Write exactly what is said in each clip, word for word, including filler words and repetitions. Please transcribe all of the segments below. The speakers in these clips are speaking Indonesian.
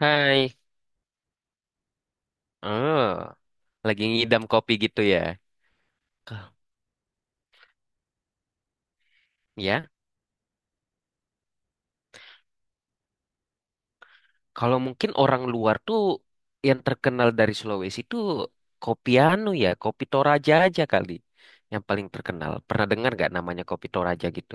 Hai, oh, lagi ngidam kopi gitu ya? K- Ya, kalau mungkin orang luar tuh yang terkenal dari Sulawesi tuh kopi anu ya, kopi Toraja aja kali, yang paling terkenal. Pernah dengar nggak namanya kopi Toraja gitu?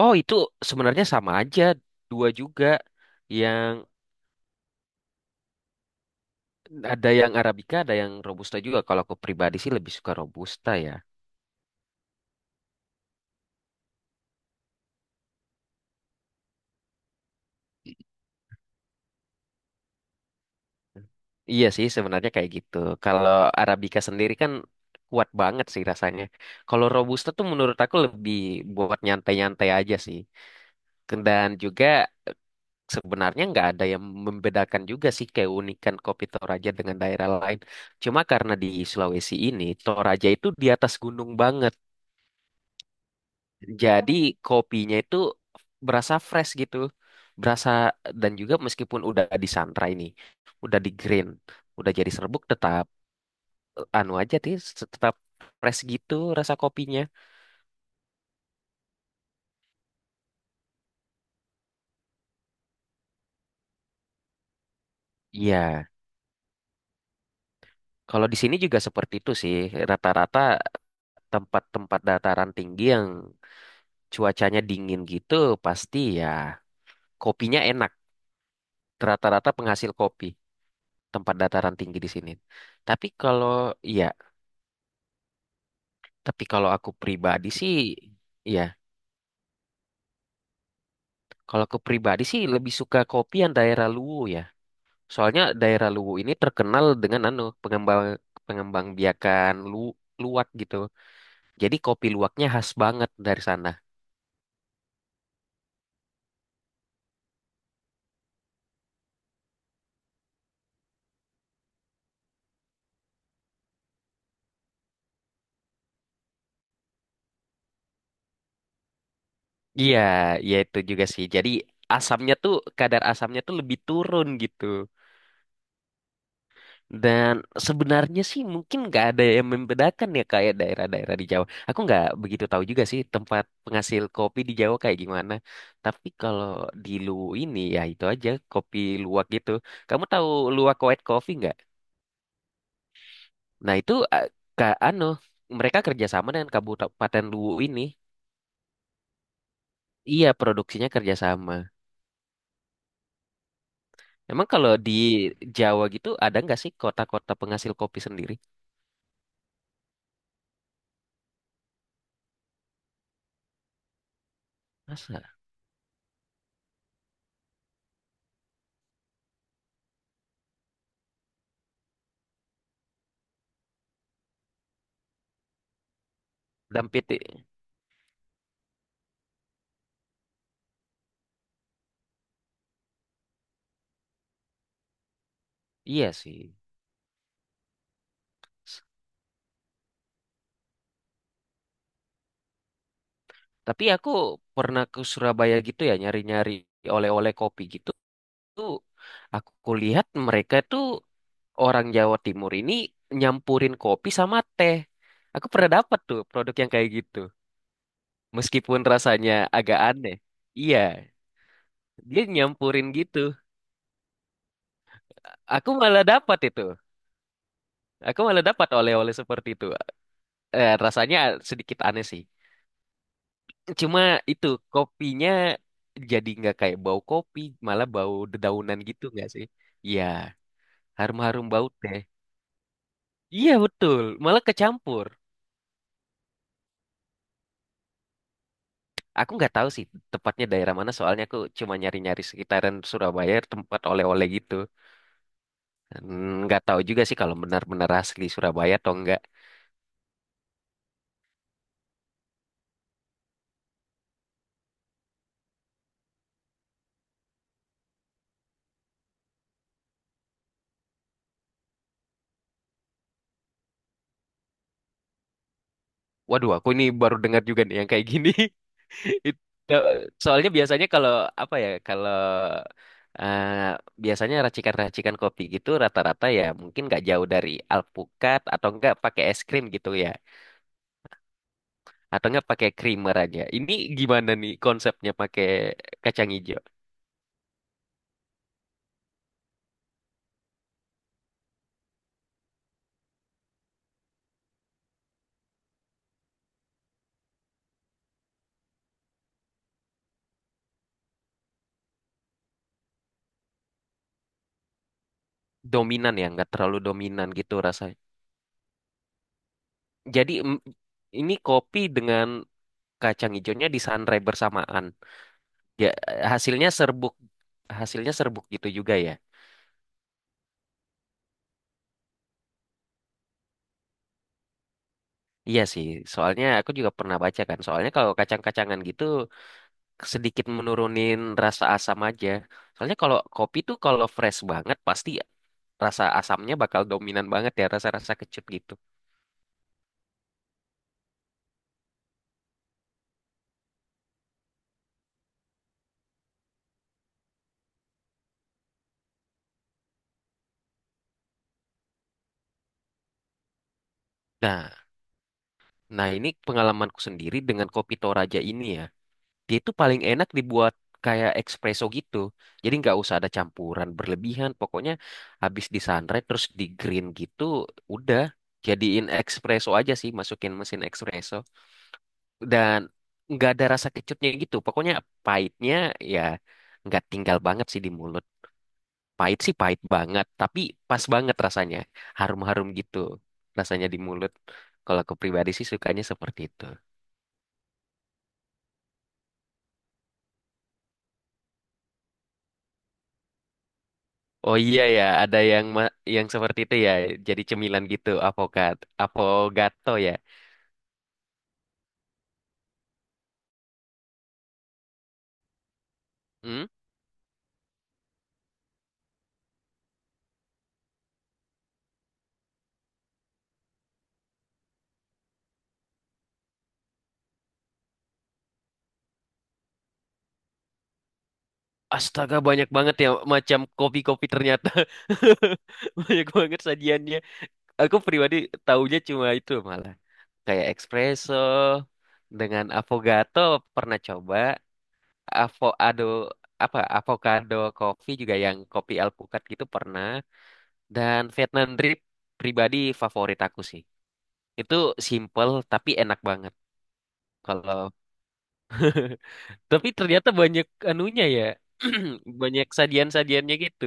Oh, itu sebenarnya sama aja, dua juga. Yang ada yang Arabica, ada yang Robusta juga. Kalau aku pribadi sih lebih suka Robusta ya. Iya sih sebenarnya kayak gitu. Kalau Arabica sendiri kan kuat banget sih rasanya. Kalau Robusta tuh menurut aku lebih buat nyantai-nyantai aja sih. Dan juga sebenarnya nggak ada yang membedakan juga sih keunikan kopi Toraja dengan daerah lain. Cuma karena di Sulawesi ini Toraja itu di atas gunung banget. Jadi kopinya itu berasa fresh gitu. Berasa dan juga meskipun udah disangrai ini, udah di green, udah jadi serbuk tetap anu aja sih tetap fresh gitu rasa kopinya. Iya, kalau di sini juga seperti itu sih. Rata-rata tempat-tempat dataran tinggi yang cuacanya dingin gitu pasti ya kopinya enak. Rata-rata penghasil kopi tempat dataran tinggi di sini. Tapi kalau ya, tapi kalau aku pribadi sih ya, kalau aku pribadi sih lebih suka kopi yang daerah Luwu ya. Soalnya daerah Luwu ini terkenal dengan anu pengembang pengembang biakan lu, luwak gitu. Jadi kopi luwaknya khas banget dari sana. Iya, ya itu juga sih. Jadi asamnya tuh kadar asamnya tuh lebih turun gitu. Dan sebenarnya sih mungkin nggak ada yang membedakan ya kayak daerah-daerah di Jawa. Aku nggak begitu tahu juga sih tempat penghasil kopi di Jawa kayak gimana. Tapi kalau di Luwu ini ya itu aja kopi luwak gitu. Kamu tahu luwak white coffee nggak? Nah itu eh, ke anu mereka kerjasama dengan Kabupaten Luwu ini. Iya produksinya kerjasama. Emang kalau di Jawa gitu ada nggak sih kota-kota penghasil kopi sendiri? Masa? Dan P T. Iya sih. S- Tapi aku pernah ke Surabaya gitu ya nyari-nyari oleh-oleh kopi gitu. Tuh aku lihat mereka tuh orang Jawa Timur ini nyampurin kopi sama teh. Aku pernah dapat tuh produk yang kayak gitu. Meskipun rasanya agak aneh. Iya. Dia nyampurin gitu. Aku malah dapat itu. Aku malah dapat oleh-oleh seperti itu. Eh, rasanya sedikit aneh sih. Cuma itu kopinya jadi nggak kayak bau kopi, malah bau dedaunan gitu nggak sih? Iya, harum-harum bau teh. Iya betul, malah kecampur. Aku nggak tahu sih tepatnya daerah mana, soalnya aku cuma nyari-nyari sekitaran Surabaya tempat oleh-oleh gitu. Hmm, Nggak tahu juga sih kalau benar-benar asli Surabaya atau enggak. Waduh, aku ini baru dengar juga nih yang kayak gini. It- Ya, soalnya biasanya kalau apa ya, kalau eh, biasanya racikan-racikan kopi gitu rata-rata ya mungkin nggak jauh dari alpukat atau enggak pakai es krim gitu ya atau enggak pakai creamer aja. Ini gimana nih konsepnya pakai kacang hijau? Dominan ya nggak terlalu dominan gitu rasanya. Jadi mm, ini kopi dengan kacang hijaunya disangrai bersamaan. Ya hasilnya serbuk hasilnya serbuk gitu juga ya. Iya sih, soalnya aku juga pernah baca kan. Soalnya kalau kacang-kacangan gitu sedikit menurunin rasa asam aja. Soalnya kalau kopi tuh kalau fresh banget pasti rasa asamnya bakal dominan banget ya, rasa-rasa kecut gitu. Nah, nah ini pengalamanku sendiri dengan kopi Toraja ini ya. Dia tuh paling enak dibuat kayak espresso gitu. Jadi nggak usah ada campuran berlebihan. Pokoknya habis di terus di green gitu, udah jadiin espresso aja sih, masukin mesin espresso. Dan nggak ada rasa kecutnya gitu. Pokoknya pahitnya ya nggak tinggal banget sih di mulut. Pahit sih pahit banget, tapi pas banget rasanya. Harum-harum gitu rasanya di mulut. Kalau aku pribadi sih sukanya seperti itu. Oh iya ya, ada yang ma- yang seperti itu ya. Jadi cemilan gitu, avokat, avogato ya. Hmm? Astaga banyak banget ya macam kopi-kopi ternyata. Banyak banget sajiannya. Aku pribadi taunya cuma itu malah. Kayak espresso dengan affogato pernah coba, avocado apa avocado coffee juga yang kopi alpukat gitu pernah, dan Vietnam drip. Pribadi favorit aku sih itu, simple tapi enak banget. kalau tapi ternyata banyak anunya ya. Banyak sajian-sajiannya gitu.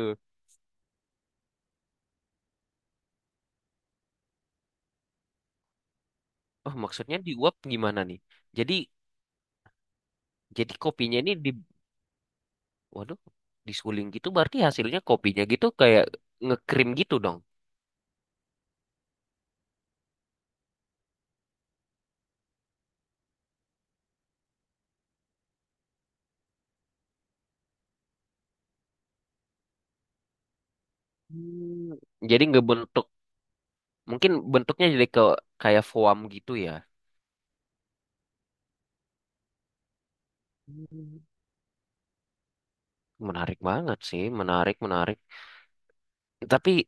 Oh maksudnya diuap gimana nih? Jadi jadi kopinya ini di waduh, disuling gitu berarti hasilnya kopinya gitu kayak ngekrim gitu dong. Hmm, Jadi ngebentuk, mungkin bentuknya jadi ke kayak foam gitu ya. Hmm, Menarik banget sih, menarik, menarik. Tapi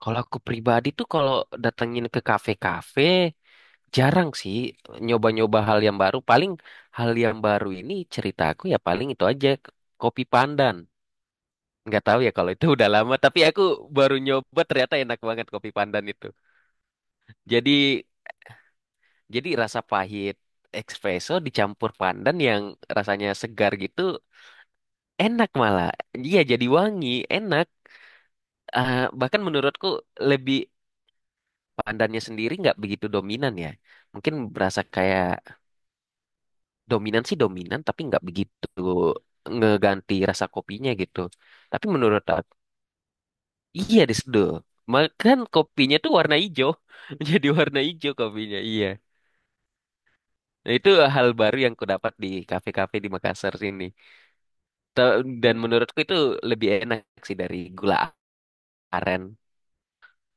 kalau aku pribadi tuh kalau datengin ke kafe-kafe, jarang sih nyoba-nyoba hal yang baru. Paling hal yang baru ini cerita aku ya paling itu aja, k- kopi pandan. Nggak tahu ya kalau itu udah lama, tapi aku baru nyoba ternyata enak banget kopi pandan itu. Jadi Jadi rasa pahit espresso dicampur pandan yang rasanya segar gitu, enak malah. Iya jadi wangi, enak. Eh, bahkan menurutku lebih pandannya sendiri nggak begitu dominan ya. Mungkin berasa kayak dominan sih dominan tapi nggak begitu ngeganti rasa kopinya gitu. Tapi menurut aku iya diseduh. Makan kopinya tuh warna hijau. Jadi warna hijau kopinya, iya. Nah, itu hal baru yang ku dapat di kafe-kafe di Makassar sini. Ta- Dan menurutku itu lebih enak sih dari gula aren.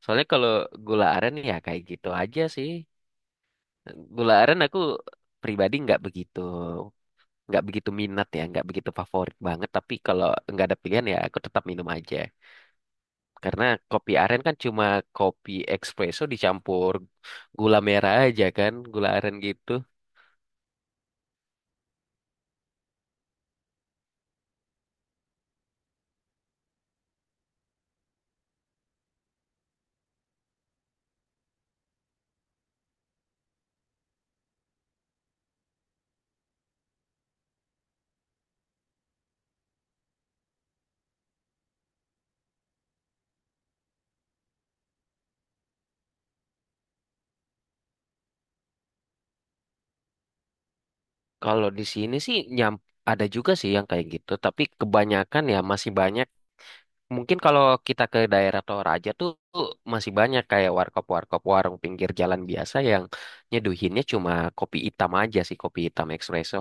Soalnya kalau gula aren ya kayak gitu aja sih. Gula aren aku pribadi nggak begitu nggak begitu minat ya, nggak begitu favorit banget. Tapi kalau nggak ada pilihan ya aku tetap minum aja. Karena kopi aren kan cuma kopi espresso dicampur gula merah aja kan, gula aren gitu. Kalau di sini sih nyam ada juga sih yang kayak gitu, tapi kebanyakan ya masih banyak. Mungkin kalau kita ke daerah Toraja tuh tuh masih banyak kayak warkop-warkop warung pinggir jalan biasa yang nyeduhinnya cuma kopi hitam aja sih, kopi hitam espresso.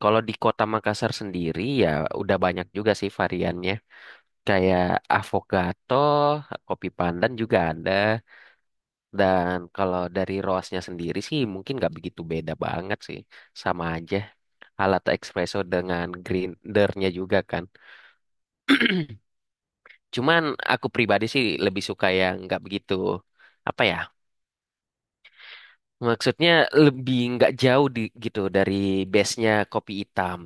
Kalau di kota Makassar sendiri ya udah banyak juga sih variannya. Kayak avokato, kopi pandan juga ada. Dan kalau dari roasnya sendiri sih mungkin nggak begitu beda banget sih. Sama aja, alat espresso dengan grindernya juga kan. Cuman aku pribadi sih lebih suka yang nggak begitu apa ya? Maksudnya lebih nggak jauh di, gitu dari base-nya kopi hitam.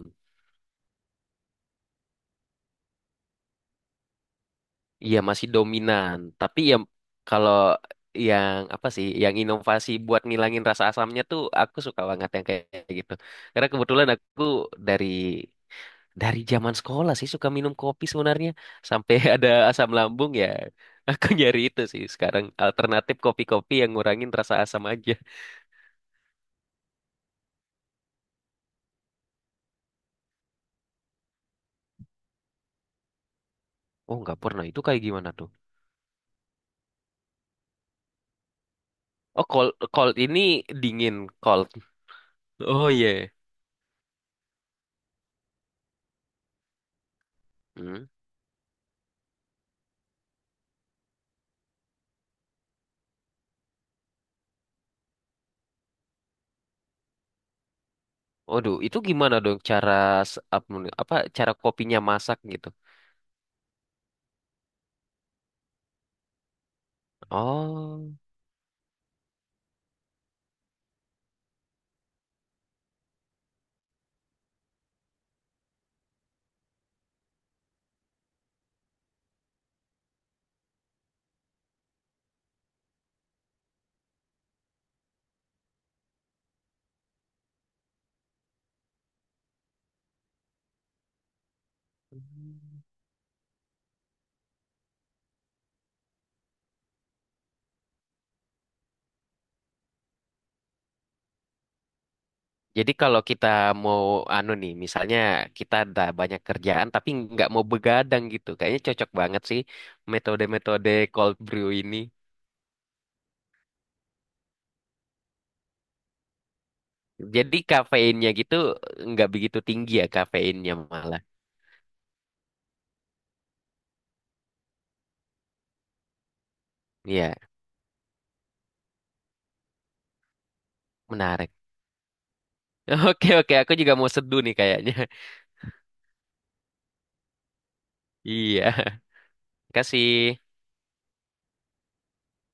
Iya masih dominan, tapi ya kalau yang apa sih, yang inovasi buat ngilangin rasa asamnya tuh aku suka banget yang kayak gitu. Karena kebetulan aku dari dari zaman sekolah sih suka minum kopi sebenarnya sampai ada asam lambung ya. Aku nyari itu sih sekarang alternatif kopi-kopi yang ngurangin rasa asam aja. Oh, nggak pernah. Itu kayak gimana tuh? Oh, cold, cold ini dingin, cold. Oh iya. Hmm. Waduh, itu gimana dong cara s- ap- apa cara kopinya masak gitu? Oh, jadi kalau kita mau anu nih, misalnya kita ada banyak kerjaan tapi nggak mau begadang gitu, kayaknya cocok banget sih metode-metode cold brew ini. Jadi kafeinnya gitu nggak begitu tinggi ya kafeinnya malah. Iya, menarik. Oke, oke, aku juga mau seduh nih kayaknya. Iya. Terima kasih.